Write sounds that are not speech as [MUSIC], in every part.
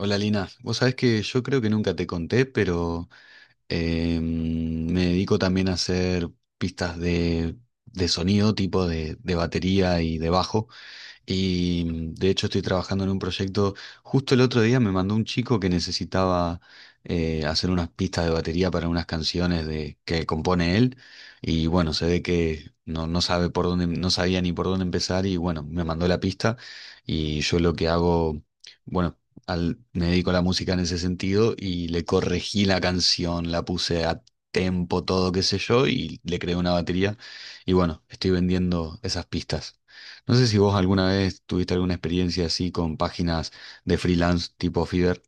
Hola Lina, vos sabés que yo creo que nunca te conté, pero me dedico también a hacer pistas de sonido, tipo de batería y de bajo. Y de hecho estoy trabajando en un proyecto. Justo el otro día me mandó un chico que necesitaba hacer unas pistas de batería para unas canciones que compone él. Y bueno, se ve que no sabe por dónde, no sabía ni por dónde empezar. Y bueno, me mandó la pista. Y yo lo que hago, bueno, me dedico a la música en ese sentido y le corregí la canción, la puse a tempo, todo, qué sé yo, y le creé una batería. Y bueno, estoy vendiendo esas pistas. No sé si vos alguna vez tuviste alguna experiencia así con páginas de freelance tipo Fiverr.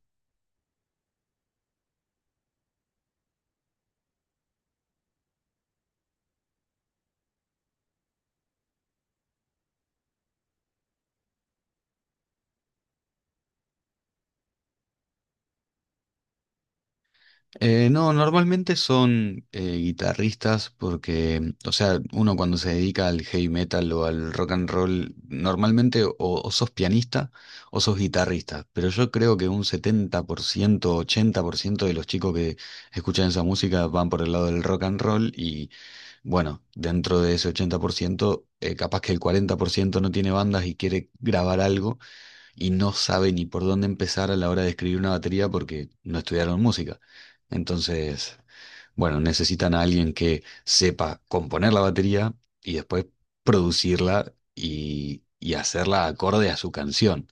No, normalmente son guitarristas porque, o sea, uno cuando se dedica al heavy metal o al rock and roll, normalmente o sos pianista o sos guitarrista. Pero yo creo que un 70% 80% de los chicos que escuchan esa música van por el lado del rock and roll y bueno, dentro de ese 80%, capaz que el 40% no tiene bandas y quiere grabar algo y no sabe ni por dónde empezar a la hora de escribir una batería porque no estudiaron música. Entonces, bueno, necesitan a alguien que sepa componer la batería y después producirla y hacerla acorde a su canción.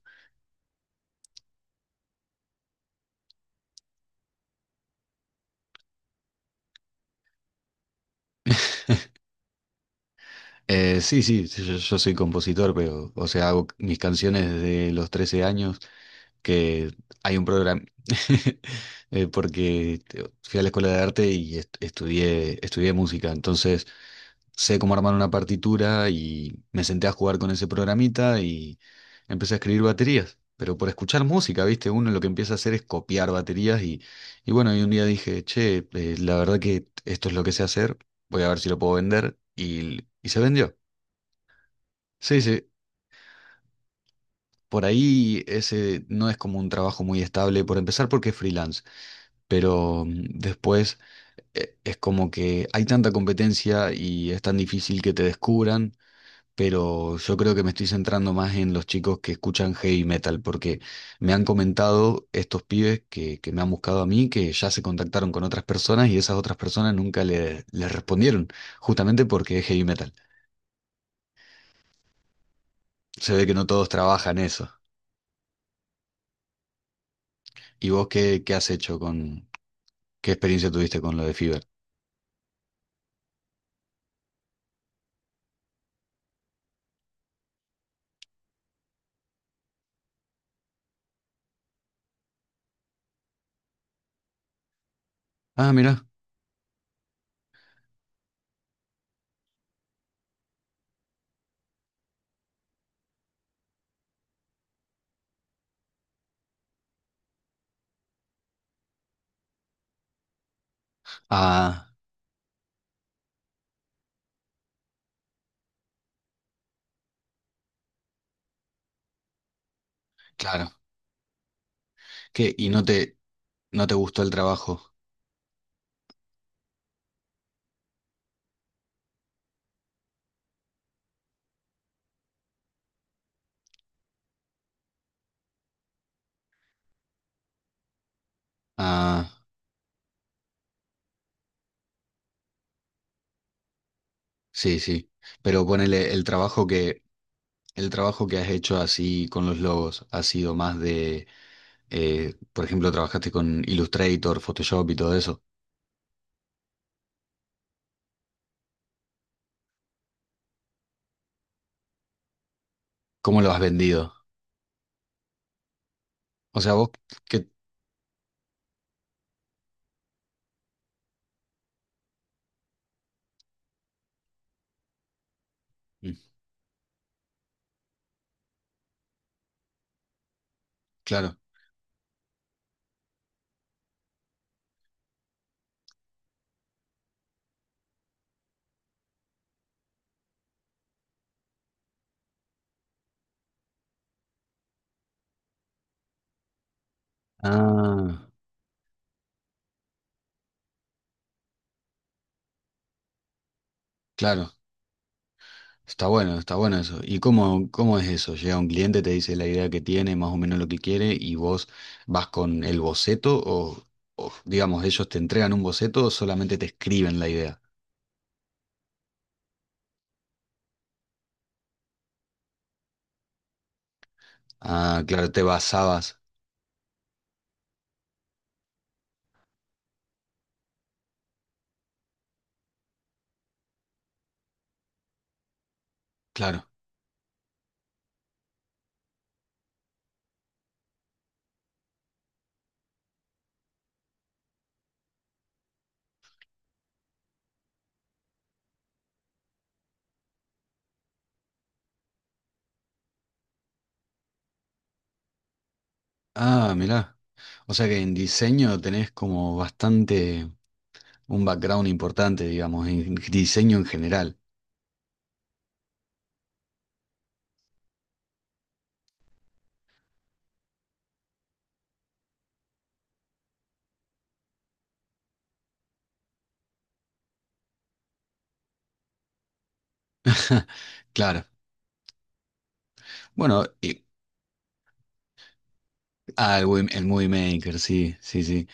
Sí, sí, sí, yo soy compositor, pero, o sea, hago mis canciones desde los 13 años, que hay un programa, [LAUGHS] porque fui a la escuela de arte y estudié música, entonces sé cómo armar una partitura y me senté a jugar con ese programita y empecé a escribir baterías. Pero por escuchar música, ¿viste? Uno lo que empieza a hacer es copiar baterías y bueno, y un día dije, che, la verdad que esto es lo que sé hacer, voy a ver si lo puedo vender y se vendió. Sí, sí, por ahí ese no es como un trabajo muy estable, por empezar porque es freelance, pero después es como que hay tanta competencia y es tan difícil que te descubran, pero yo creo que me estoy centrando más en los chicos que escuchan heavy metal, porque me han comentado estos pibes que me han buscado a mí, que ya se contactaron con otras personas y esas otras personas nunca les respondieron, justamente porque es heavy metal. Se ve que no todos trabajan eso. ¿Y vos qué has hecho qué experiencia tuviste con lo de Fiverr? Ah, mira. Ah, claro. ¿Qué? ¿Y no te gustó el trabajo? Ah, sí, sí. Pero ponele el trabajo que has hecho así con los logos ha sido más por ejemplo, trabajaste con Illustrator, Photoshop y todo eso. ¿Cómo lo has vendido? O sea, vos, que, claro. Ah, claro. Está bueno eso. ¿Y cómo, cómo es eso? Llega un cliente, te dice la idea que tiene, más o menos lo que quiere, y vos vas con el boceto o, digamos, ellos te entregan un boceto o solamente te escriben la idea. Ah, claro, te basabas. Claro. Ah, mirá. O sea que en diseño tenés como bastante un background importante, digamos, en diseño en general. Claro. Bueno, ah, el, el Movie Maker, sí, sí, sí.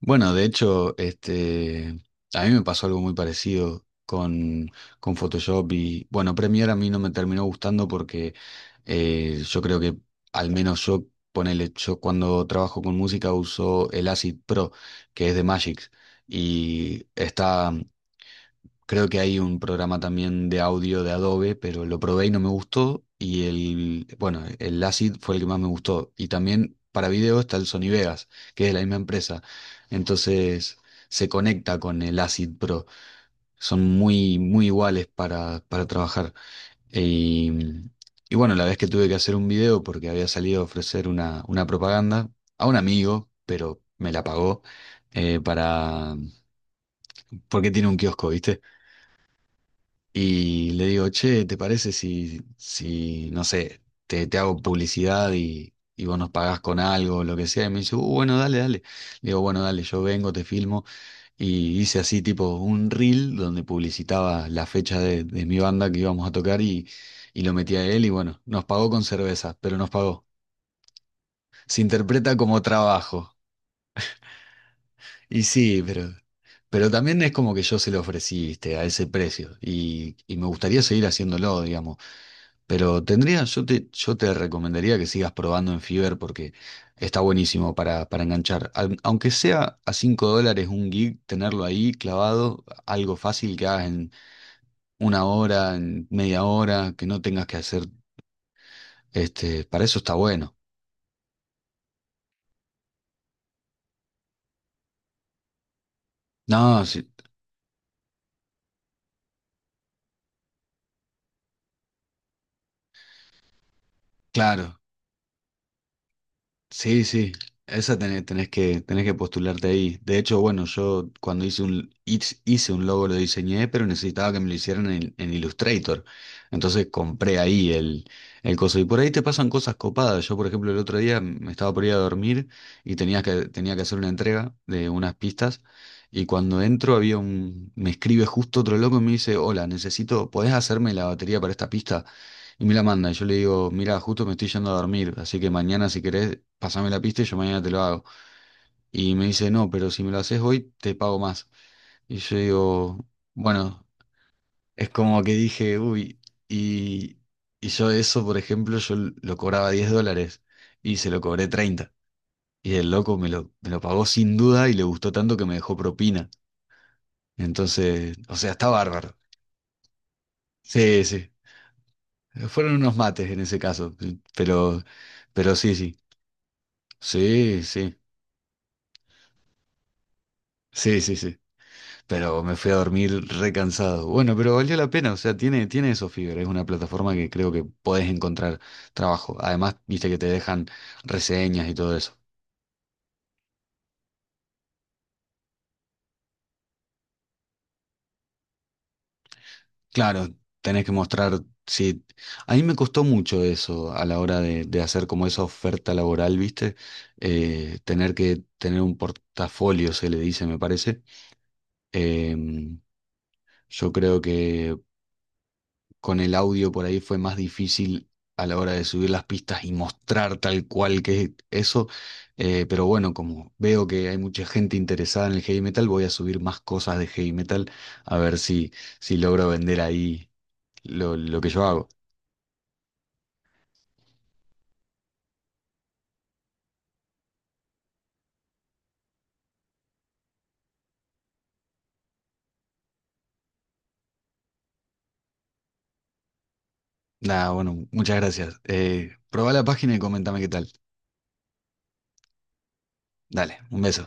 Bueno, de hecho, este, a mí me pasó algo muy parecido con Photoshop y, bueno, Premiere a mí no me terminó gustando porque yo creo que, al menos yo, ponele, yo cuando trabajo con música uso el Acid Pro, que es de Magic. Y está. Creo que hay un programa también de audio de Adobe, pero lo probé y no me gustó. Y el, bueno, el Acid fue el que más me gustó. Y también para video está el Sony Vegas, que es de la misma empresa. Entonces se conecta con el Acid Pro. Son muy, muy iguales para trabajar. Y, y bueno, la vez que tuve que hacer un video porque había salido a ofrecer una propaganda a un amigo, pero me la pagó eh, para, porque tiene un kiosco, ¿viste? Y le digo, che, ¿te parece si, no sé, te hago publicidad y vos nos pagás con algo o lo que sea? Y me dice, bueno, dale, dale." Le digo, bueno, dale, yo vengo, te filmo. Y hice así tipo un reel donde publicitaba la fecha de mi banda que íbamos a tocar y lo metí a él y bueno, nos pagó con cervezas, pero nos pagó. Se interpreta como trabajo. Y sí, pero... Pero también es como que yo se lo ofrecí, viste, a ese precio y me gustaría seguir haciéndolo, digamos. Pero tendría, yo te recomendaría que sigas probando en Fiverr porque está buenísimo para, enganchar. Aunque sea a $5 un gig, tenerlo ahí clavado, algo fácil que hagas en una hora, en media hora, que no tengas que hacer, este, para eso está bueno. No, sí, claro. Sí, sí, esa tenés que postularte ahí. De hecho, bueno, yo cuando hice un logo lo diseñé, pero necesitaba que me lo hicieran en, Illustrator. Entonces compré ahí el coso. Y por ahí te pasan cosas copadas. Yo, por ejemplo, el otro día me estaba por ir a dormir y tenía que hacer una entrega de unas pistas. Y cuando entro había un, me escribe justo otro loco y me dice, hola, necesito, ¿podés hacerme la batería para esta pista? Y me la manda. Y yo le digo, mira, justo me estoy yendo a dormir, así que mañana si querés, pasame la pista y yo mañana te lo hago. Y me dice, no, pero si me lo haces hoy, te pago más. Y yo digo, bueno, es como que dije, uy, y, y yo eso, por ejemplo, yo lo cobraba $10 y se lo cobré 30. Y el loco me lo pagó sin duda y le gustó tanto que me dejó propina. Entonces, o sea, está bárbaro. Sí, sí. Fueron unos mates en ese caso, pero, pero sí, sí. Sí, sí. Sí, sí, sí. Pero me fui a dormir recansado. Bueno, pero valió la pena. O sea, tiene eso, Fiverr. Es una plataforma que creo que podés encontrar trabajo. Además, viste que te dejan reseñas y todo eso. Claro, tenés que mostrar. Sí. A mí me costó mucho eso a la hora de hacer como esa oferta laboral, viste. Tener que tener un portafolio, se le dice, me parece. Em, yo creo que con el audio por ahí fue más difícil a la hora de subir las pistas y mostrar tal cual que es eso. Pero bueno, como veo que hay mucha gente interesada en el heavy metal, voy a subir más cosas de heavy metal a ver si, logro vender ahí lo que yo hago. Nada, bueno, muchas gracias. Probá la página y comentame qué tal. Dale, un beso.